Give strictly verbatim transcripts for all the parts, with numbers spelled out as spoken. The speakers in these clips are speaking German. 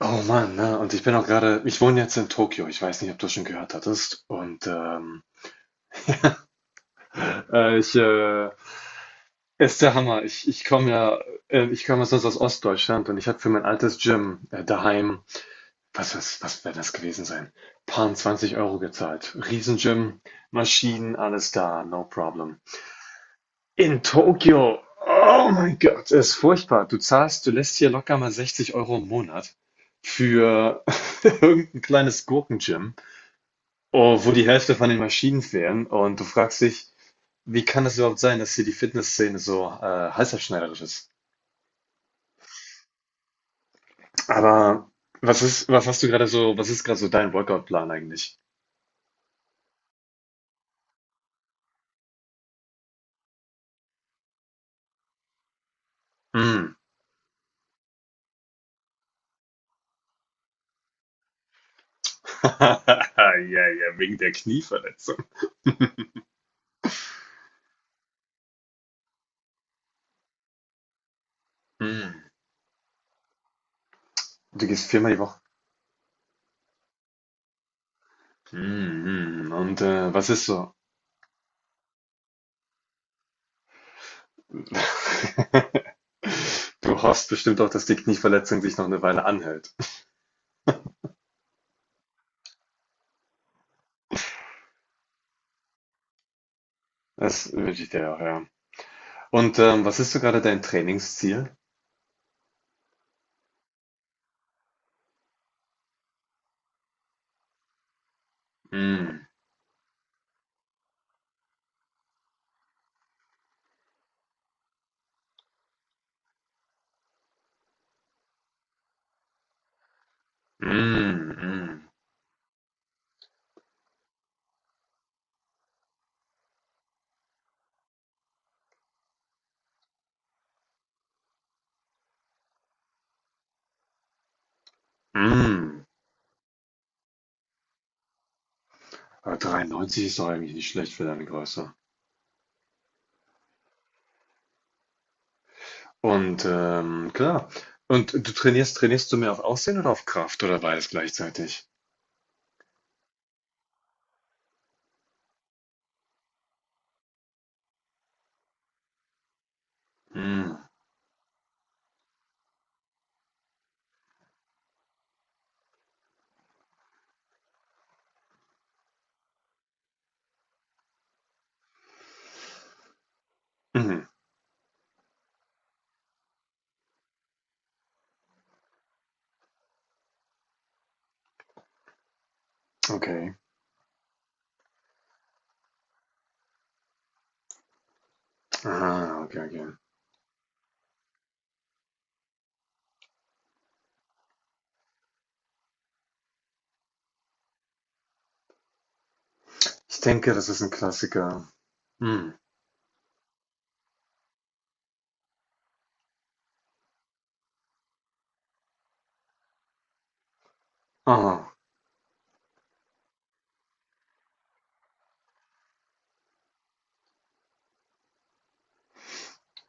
Oh Mann, ne? Und ich bin auch gerade, ich wohne jetzt in Tokio. Ich weiß nicht, ob du schon gehört hattest. Und ähm, äh, ich äh, ist der Hammer. Ich, ich komme ja, äh, ich komme sonst aus Ostdeutschland und ich habe für mein altes Gym äh, daheim. Was was was wäre das gewesen sein? Paar zwanzig Euro gezahlt. Riesengym, Maschinen, alles da, no problem. In Tokio, oh mein Gott, ist furchtbar. Du zahlst, du lässt hier locker mal sechzig Euro im Monat für irgendein kleines Gurkengym, oh, wo die Hälfte von den Maschinen fehlen. Und du fragst dich, wie kann es überhaupt sein, dass hier die Fitnessszene so äh, halsabschneiderisch ist? Aber was ist, was hast du gerade so, was ist gerade so dein Workout-Plan eigentlich? Hm. Ja, ja, wegen der Knieverletzung. Hm. Du gehst viermal die Woche. Hm, hm. Und äh, was ist so? Du hoffst bestimmt auch, dass die Knieverletzung sich noch eine Weile anhält. Das wünsche ich dir auch, ja. Und ähm, was ist so gerade dein Trainingsziel? Hm. Mm, mm, mm. Aber dreiundneunzig ist doch eigentlich nicht schlecht für deine Größe. Und ähm, klar. Und du trainierst, trainierst du mehr auf Aussehen oder auf Kraft oder beides gleichzeitig? Mm, mhm. Okay. Aha, okay, okay. Ich denke, das ist ein Klassiker. Mm. Aha.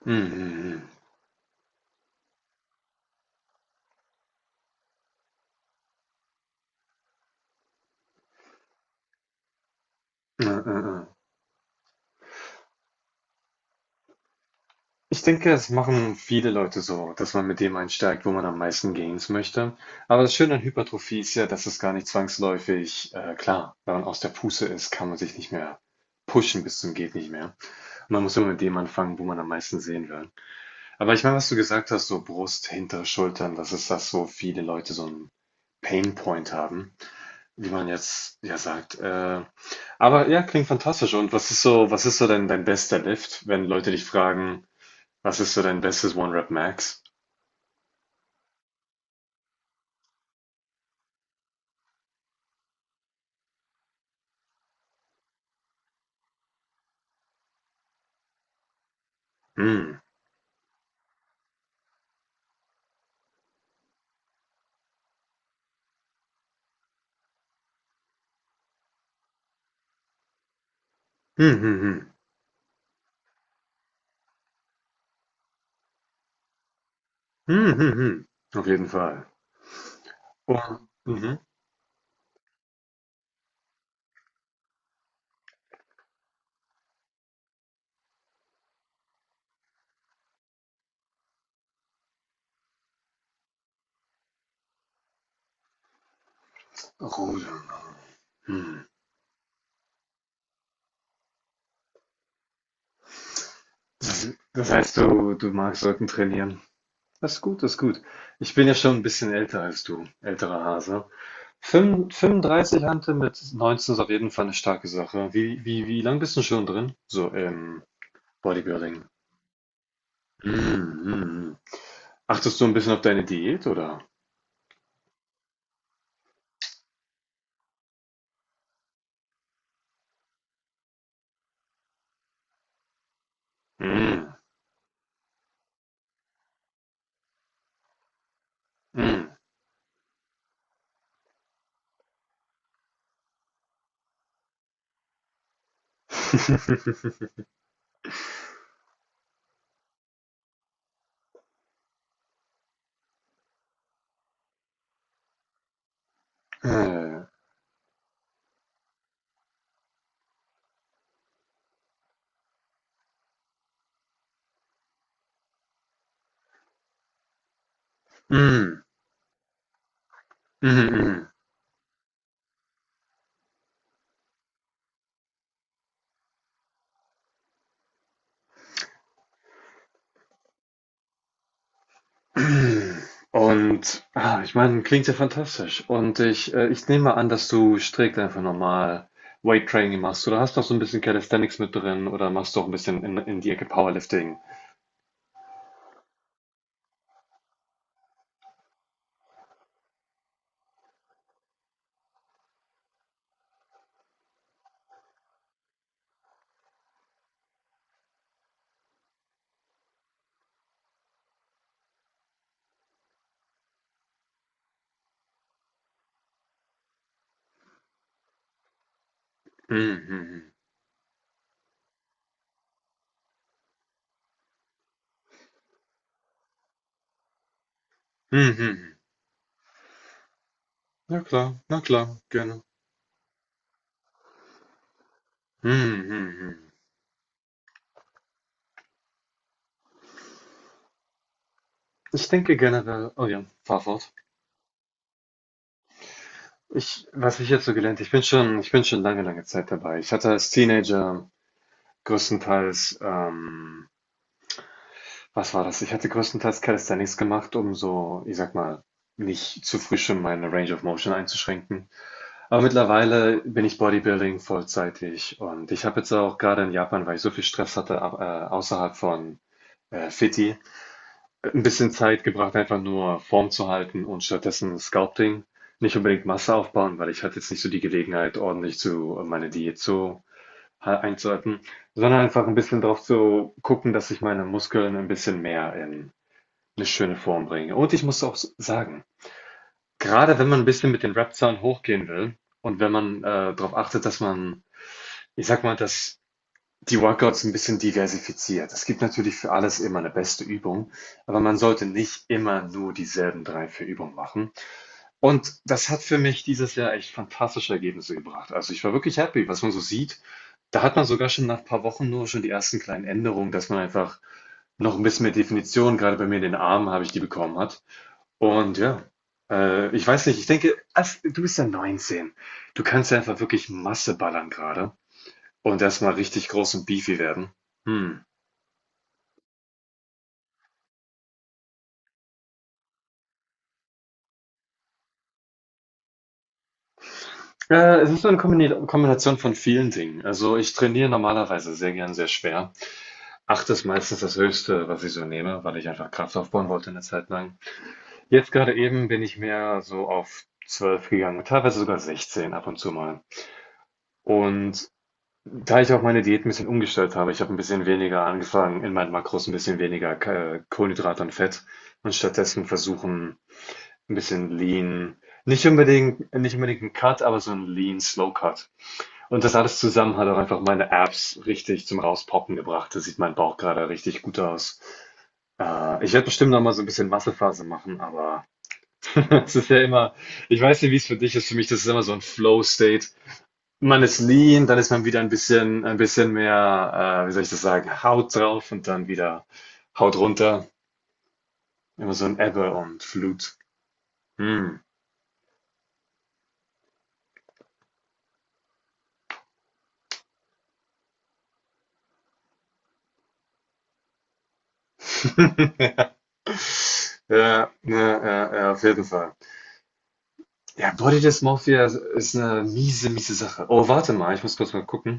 Mm, mm, mm. Äh, äh, äh. Ich denke, das machen viele Leute so, dass man mit dem einsteigt, wo man am meisten Gains möchte. Aber das Schöne an Hypertrophie ist ja, dass es gar nicht zwangsläufig, äh, klar, wenn man aus der Puste ist, kann man sich nicht mehr pushen bis zum geht nicht mehr. Und man muss immer mit dem anfangen, wo man am meisten sehen will. Aber ich meine, was du gesagt hast, so Brust, hintere Schultern, das ist das, wo viele Leute so einen Painpoint haben, wie man jetzt ja sagt. Äh, aber ja, klingt fantastisch. Und was ist so, was ist so dein, dein bester Lift, wenn Leute dich fragen, was ist so dein bestes One-Rep-Max? Hm. Hm, hm, hm. Hm, hm, hm. Auf jeden Fall. Und, mhm. Rudern. Hm. Das, das heißt, du, du magst Rücken trainieren. Das ist gut, das ist gut. Ich bin ja schon ein bisschen älter als du, älterer Hase. Fünf- fünfunddreißig Hante mit neunzehn ist auf jeden Fall eine starke Sache. Wie, wie, wie lang bist du schon drin? So im Bodybuilding. Hm, hm, hm. Achtest du ein bisschen auf deine Diät, oder? Hm, hm. Ja, ja, Mhm. Mhm, mhm. Und, ah, ich meine, klingt ja fantastisch. Und ich, äh, ich nehme mal an, dass du strikt einfach normal Weight Training machst oder hast noch so ein bisschen Calisthenics mit drin oder machst doch ein bisschen in, in die Ecke Powerlifting. Mhm. Mhm. Ja klar, na klar, gerne. Mhm. Ich denke generell, oh ja, fahr fort. Ich, was ich jetzt so gelernt, ich bin schon, ich bin schon lange, lange Zeit dabei. Ich hatte als Teenager größtenteils ähm, was war das? Ich hatte größtenteils Calisthenics gemacht, um so, ich sag mal, nicht zu früh schon meine Range of Motion einzuschränken. Aber mittlerweile bin ich Bodybuilding vollzeitig und ich habe jetzt auch gerade in Japan, weil ich so viel Stress hatte, au- äh, außerhalb von äh, Fiti, ein bisschen Zeit gebracht, einfach nur Form zu halten und stattdessen Sculpting. Nicht unbedingt Masse aufbauen, weil ich hatte jetzt nicht so die Gelegenheit, ordentlich zu äh, meine Diät zu ha- einzuhalten, sondern einfach ein bisschen darauf zu gucken, dass ich meine Muskeln ein bisschen mehr in eine schöne Form bringe. Und ich muss auch sagen, gerade wenn man ein bisschen mit den Rap-Zahlen hochgehen will und wenn man, äh, drauf achtet, dass man, ich sag mal, dass die Workouts ein bisschen diversifiziert. Es gibt natürlich für alles immer eine beste Übung, aber man sollte nicht immer nur dieselben drei vier Übungen machen. Und das hat für mich dieses Jahr echt fantastische Ergebnisse gebracht. Also, ich war wirklich happy, was man so sieht. Da hat man sogar schon nach ein paar Wochen nur schon die ersten kleinen Änderungen, dass man einfach noch ein bisschen mehr Definition gerade bei mir in den Armen habe ich die bekommen hat und ja, äh, ich weiß nicht, ich denke, als, du bist ja neunzehn. Du kannst ja einfach wirklich Masse ballern gerade und erstmal richtig groß und beefy werden. Hm. Äh, es ist so eine Kombini- Kombination von vielen Dingen. Also ich trainiere normalerweise sehr gern sehr schwer. Acht ist meistens das Höchste, was ich so nehme, weil ich einfach Kraft aufbauen wollte eine Zeit lang. Jetzt gerade eben bin ich mehr so auf zwölf gegangen, teilweise sogar sechzehn ab und zu mal. Und da ich auch meine Diät ein bisschen umgestellt habe, ich habe ein bisschen weniger angefangen in meinen Makros, ein bisschen weniger Ka Kohlenhydrate und Fett und stattdessen versuchen, ein bisschen Lean, nicht unbedingt nicht unbedingt ein Cut, aber so ein Lean Slow Cut. Und das alles zusammen hat auch einfach meine Abs richtig zum Rauspoppen gebracht. Da sieht mein Bauch gerade richtig gut aus. Äh, ich werde bestimmt noch mal so ein bisschen Massephase machen, aber es ist ja immer, ich weiß nicht, wie es für dich ist. Für mich, das ist immer so ein Flow State. Man ist lean, dann ist man wieder ein bisschen ein bisschen mehr, äh, wie soll ich das sagen, Haut drauf und dann wieder Haut runter. Immer so ein Ebbe und Flut. Mhm. Ja, ja, ja, ja, ja, auf jeden Fall. Ja, Body Dysmorphia ist eine miese, miese Sache. Oh, warte mal, ich muss kurz mal gucken.